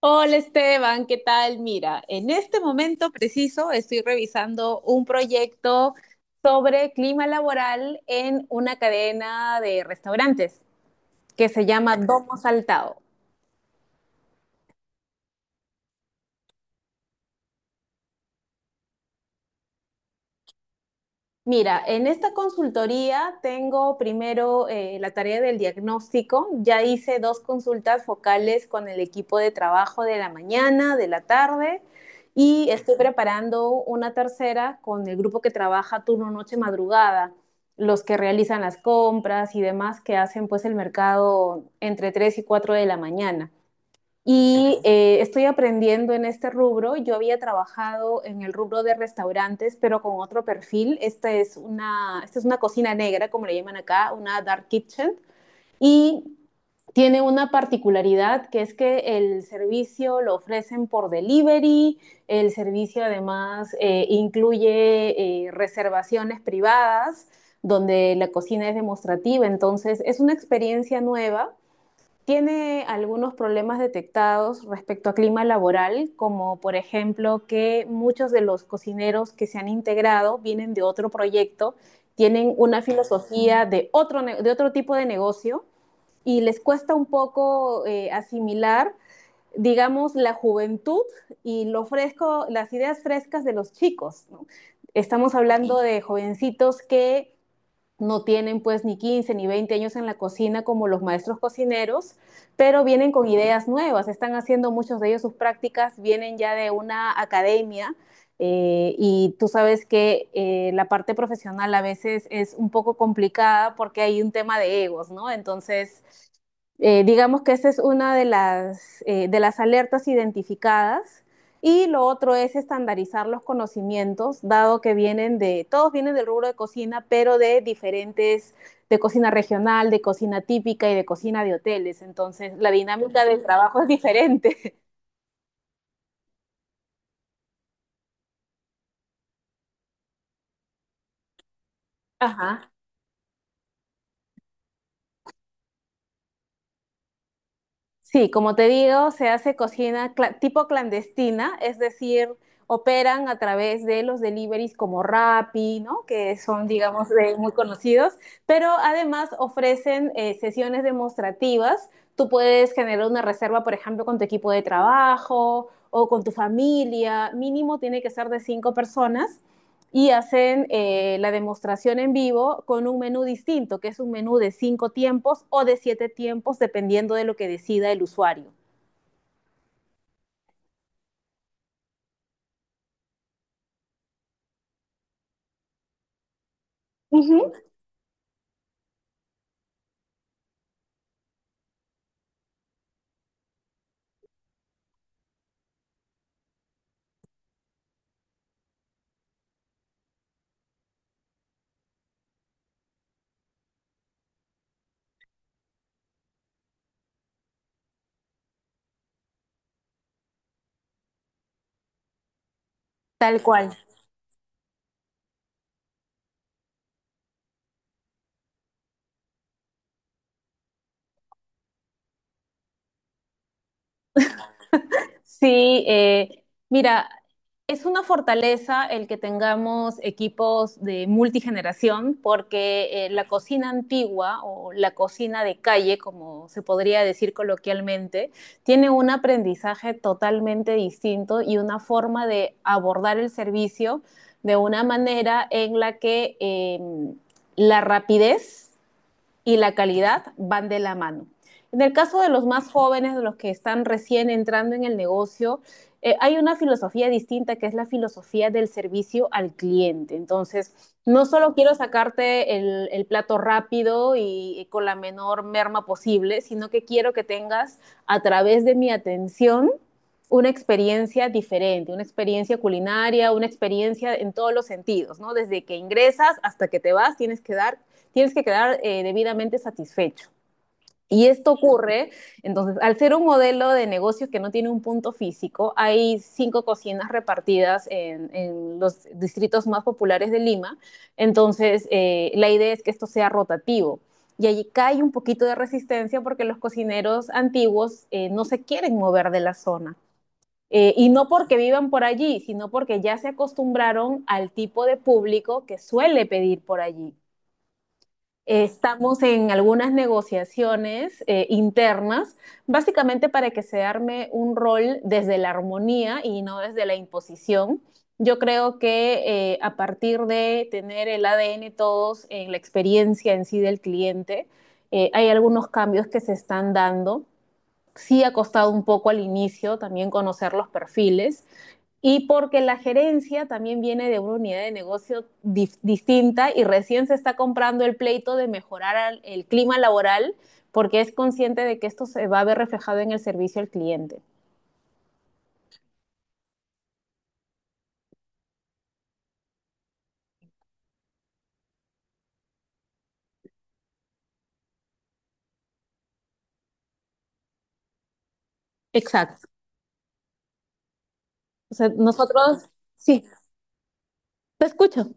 Hola Esteban, ¿qué tal? Mira, en este momento preciso estoy revisando un proyecto sobre clima laboral en una cadena de restaurantes que se llama Domo Saltado. Mira, en esta consultoría tengo primero la tarea del diagnóstico. Ya hice dos consultas focales con el equipo de trabajo de la mañana, de la tarde, y estoy preparando una tercera con el grupo que trabaja turno noche madrugada, los que realizan las compras y demás que hacen pues el mercado entre 3 y 4 de la mañana. Estoy aprendiendo en este rubro. Yo había trabajado en el rubro de restaurantes, pero con otro perfil. Esta es una cocina negra, como le llaman acá, una dark kitchen. Y tiene una particularidad que es que el servicio lo ofrecen por delivery, el servicio además incluye reservaciones privadas donde la cocina es demostrativa, entonces es una experiencia nueva. Tiene algunos problemas detectados respecto a clima laboral, como por ejemplo que muchos de los cocineros que se han integrado vienen de otro proyecto, tienen una filosofía de de otro tipo de negocio, y les cuesta un poco asimilar, digamos, la juventud y lo fresco, las ideas frescas de los chicos, ¿no? Estamos hablando de jovencitos que no tienen pues ni 15 ni 20 años en la cocina como los maestros cocineros, pero vienen con ideas nuevas, están haciendo muchos de ellos sus prácticas, vienen ya de una academia, y tú sabes que la parte profesional a veces es un poco complicada porque hay un tema de egos, ¿no? Entonces, digamos que esa es una de de las alertas identificadas, y lo otro es estandarizar los conocimientos, dado que vienen todos vienen del rubro de cocina, pero de diferentes, de cocina regional, de cocina típica y de cocina de hoteles. Entonces, la dinámica del trabajo es diferente. Ajá. Sí, como te digo, se hace tipo clandestina, es decir, operan a través de los deliveries como Rappi, ¿no? Que son, digamos, muy conocidos, pero además ofrecen sesiones demostrativas. Tú puedes generar una reserva, por ejemplo, con tu equipo de trabajo o con tu familia. Mínimo tiene que ser de cinco personas, y hacen la demostración en vivo con un menú distinto, que es un menú de cinco tiempos o de siete tiempos, dependiendo de lo que decida el usuario. Ujú. Tal cual. Sí, mira, es una fortaleza el que tengamos equipos de multigeneración porque la cocina antigua o la cocina de calle, como se podría decir coloquialmente, tiene un aprendizaje totalmente distinto y una forma de abordar el servicio de una manera en la que la rapidez y la calidad van de la mano. En el caso de los más jóvenes, de los que están recién entrando en el negocio, hay una filosofía distinta que es la filosofía del servicio al cliente. Entonces, no solo quiero sacarte el plato rápido y, con la menor merma posible, sino que quiero que tengas a través de mi atención una experiencia diferente, una experiencia culinaria, una experiencia en todos los sentidos, ¿no? Desde que ingresas hasta que te vas, tienes que quedar debidamente satisfecho. Y esto ocurre, entonces, al ser un modelo de negocio que no tiene un punto físico, hay cinco cocinas repartidas en los distritos más populares de Lima, entonces la idea es que esto sea rotativo. Y allí cae un poquito de resistencia porque los cocineros antiguos no se quieren mover de la zona. Y no porque vivan por allí, sino porque ya se acostumbraron al tipo de público que suele pedir por allí. Estamos en algunas negociaciones internas, básicamente para que se arme un rol desde la armonía y no desde la imposición. Yo creo que a partir de tener el ADN todos en la experiencia en sí del cliente, hay algunos cambios que se están dando. Sí ha costado un poco al inicio también conocer los perfiles, y porque la gerencia también viene de una unidad de distinta y recién se está comprando el pleito de mejorar el clima laboral porque es consciente de que esto se va a ver reflejado en el servicio al cliente. Exacto. O sea, nosotros, sí, te escucho.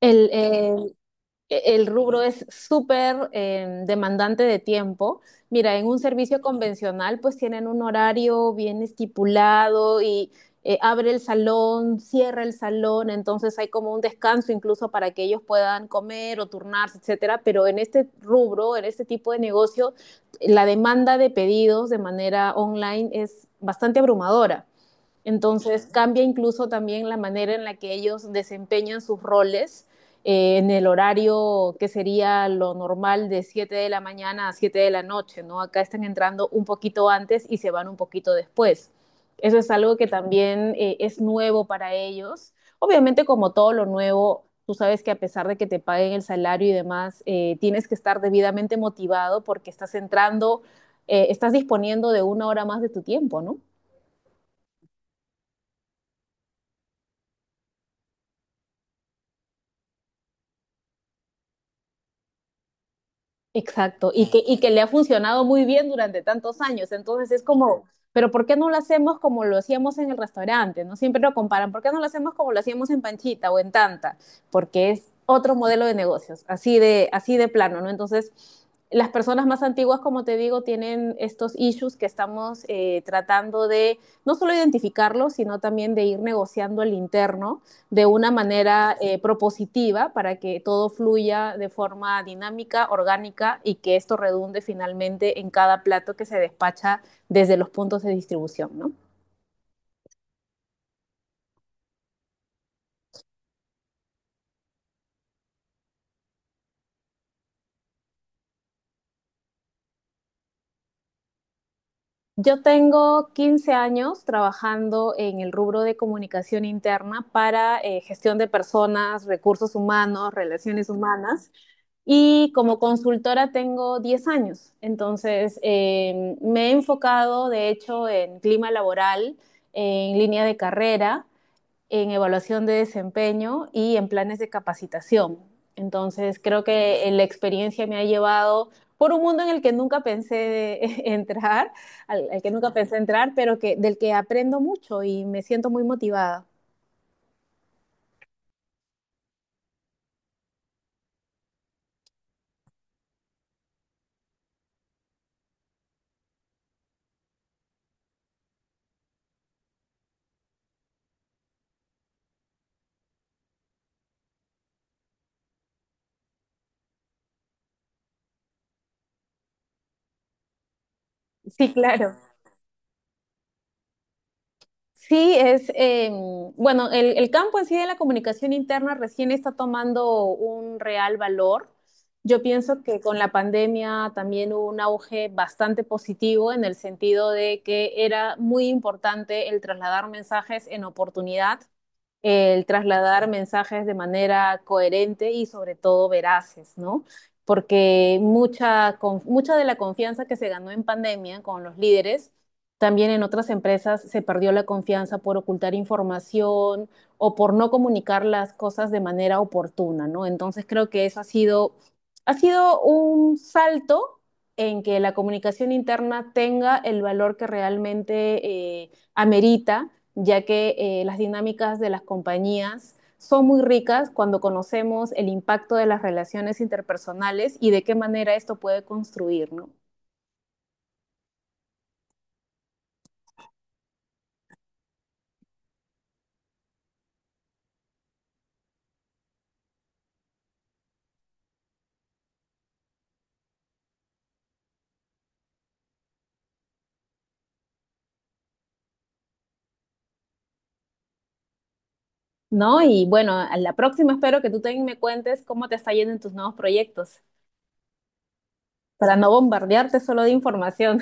El, eh, el rubro es súper demandante de tiempo. Mira, en un servicio convencional pues tienen un horario bien estipulado y abre el salón, cierra el salón, entonces hay como un descanso incluso para que ellos puedan comer o turnarse, etcétera. Pero en este rubro, en este tipo de negocio, la demanda de pedidos de manera online es bastante abrumadora. Entonces cambia incluso también la manera en la que ellos desempeñan sus roles en el horario que sería lo normal de 7 de la mañana a 7 de la noche, ¿no? Acá están entrando un poquito antes y se van un poquito después. Eso es algo que también es nuevo para ellos. Obviamente, como todo lo nuevo, tú sabes que a pesar de que te paguen el salario y demás, tienes que estar debidamente motivado porque estás entrando, estás disponiendo de una hora más de tu tiempo, ¿no? Exacto, y que le ha funcionado muy bien durante tantos años. Entonces es como, pero ¿por qué no lo hacemos como lo hacíamos en el restaurante? No siempre lo comparan. ¿Por qué no lo hacemos como lo hacíamos en Panchita o en Tanta? Porque es otro modelo de negocios, así de plano, ¿no? Entonces, las personas más antiguas, como te digo, tienen estos issues que estamos tratando de no solo identificarlos, sino también de ir negociando el interno de una manera propositiva para que todo fluya de forma dinámica, orgánica y que esto redunde finalmente en cada plato que se despacha desde los puntos de distribución, ¿no? Yo tengo 15 años trabajando en el rubro de comunicación interna para gestión de personas, recursos humanos, relaciones humanas. Y como consultora tengo 10 años, entonces me he enfocado de hecho en clima laboral, en línea de carrera, en evaluación de desempeño y en planes de capacitación. Entonces creo que la experiencia me ha llevado por un mundo en el que nunca pensé entrar, al que nunca pensé entrar, pero que, del que aprendo mucho y me siento muy motivada. Sí, claro. Sí, es, eh, bueno, el campo en sí de la comunicación interna recién está tomando un real valor. Yo pienso que con la pandemia también hubo un auge bastante positivo en el sentido de que era muy importante el trasladar mensajes en oportunidad, el trasladar mensajes de manera coherente y sobre todo veraces, ¿no? Porque mucha de la confianza que se ganó en pandemia con los líderes, también en otras empresas se perdió la confianza por ocultar información o por no comunicar las cosas de manera oportuna, ¿no? Entonces creo que eso ha sido un salto en que la comunicación interna tenga el valor que realmente amerita ya que las dinámicas de las compañías son muy ricas cuando conocemos el impacto de las relaciones interpersonales y de qué manera esto puede construir, ¿no? ¿No? Y bueno, a la próxima espero que tú también me cuentes cómo te está yendo en tus nuevos proyectos, para no bombardearte solo de información.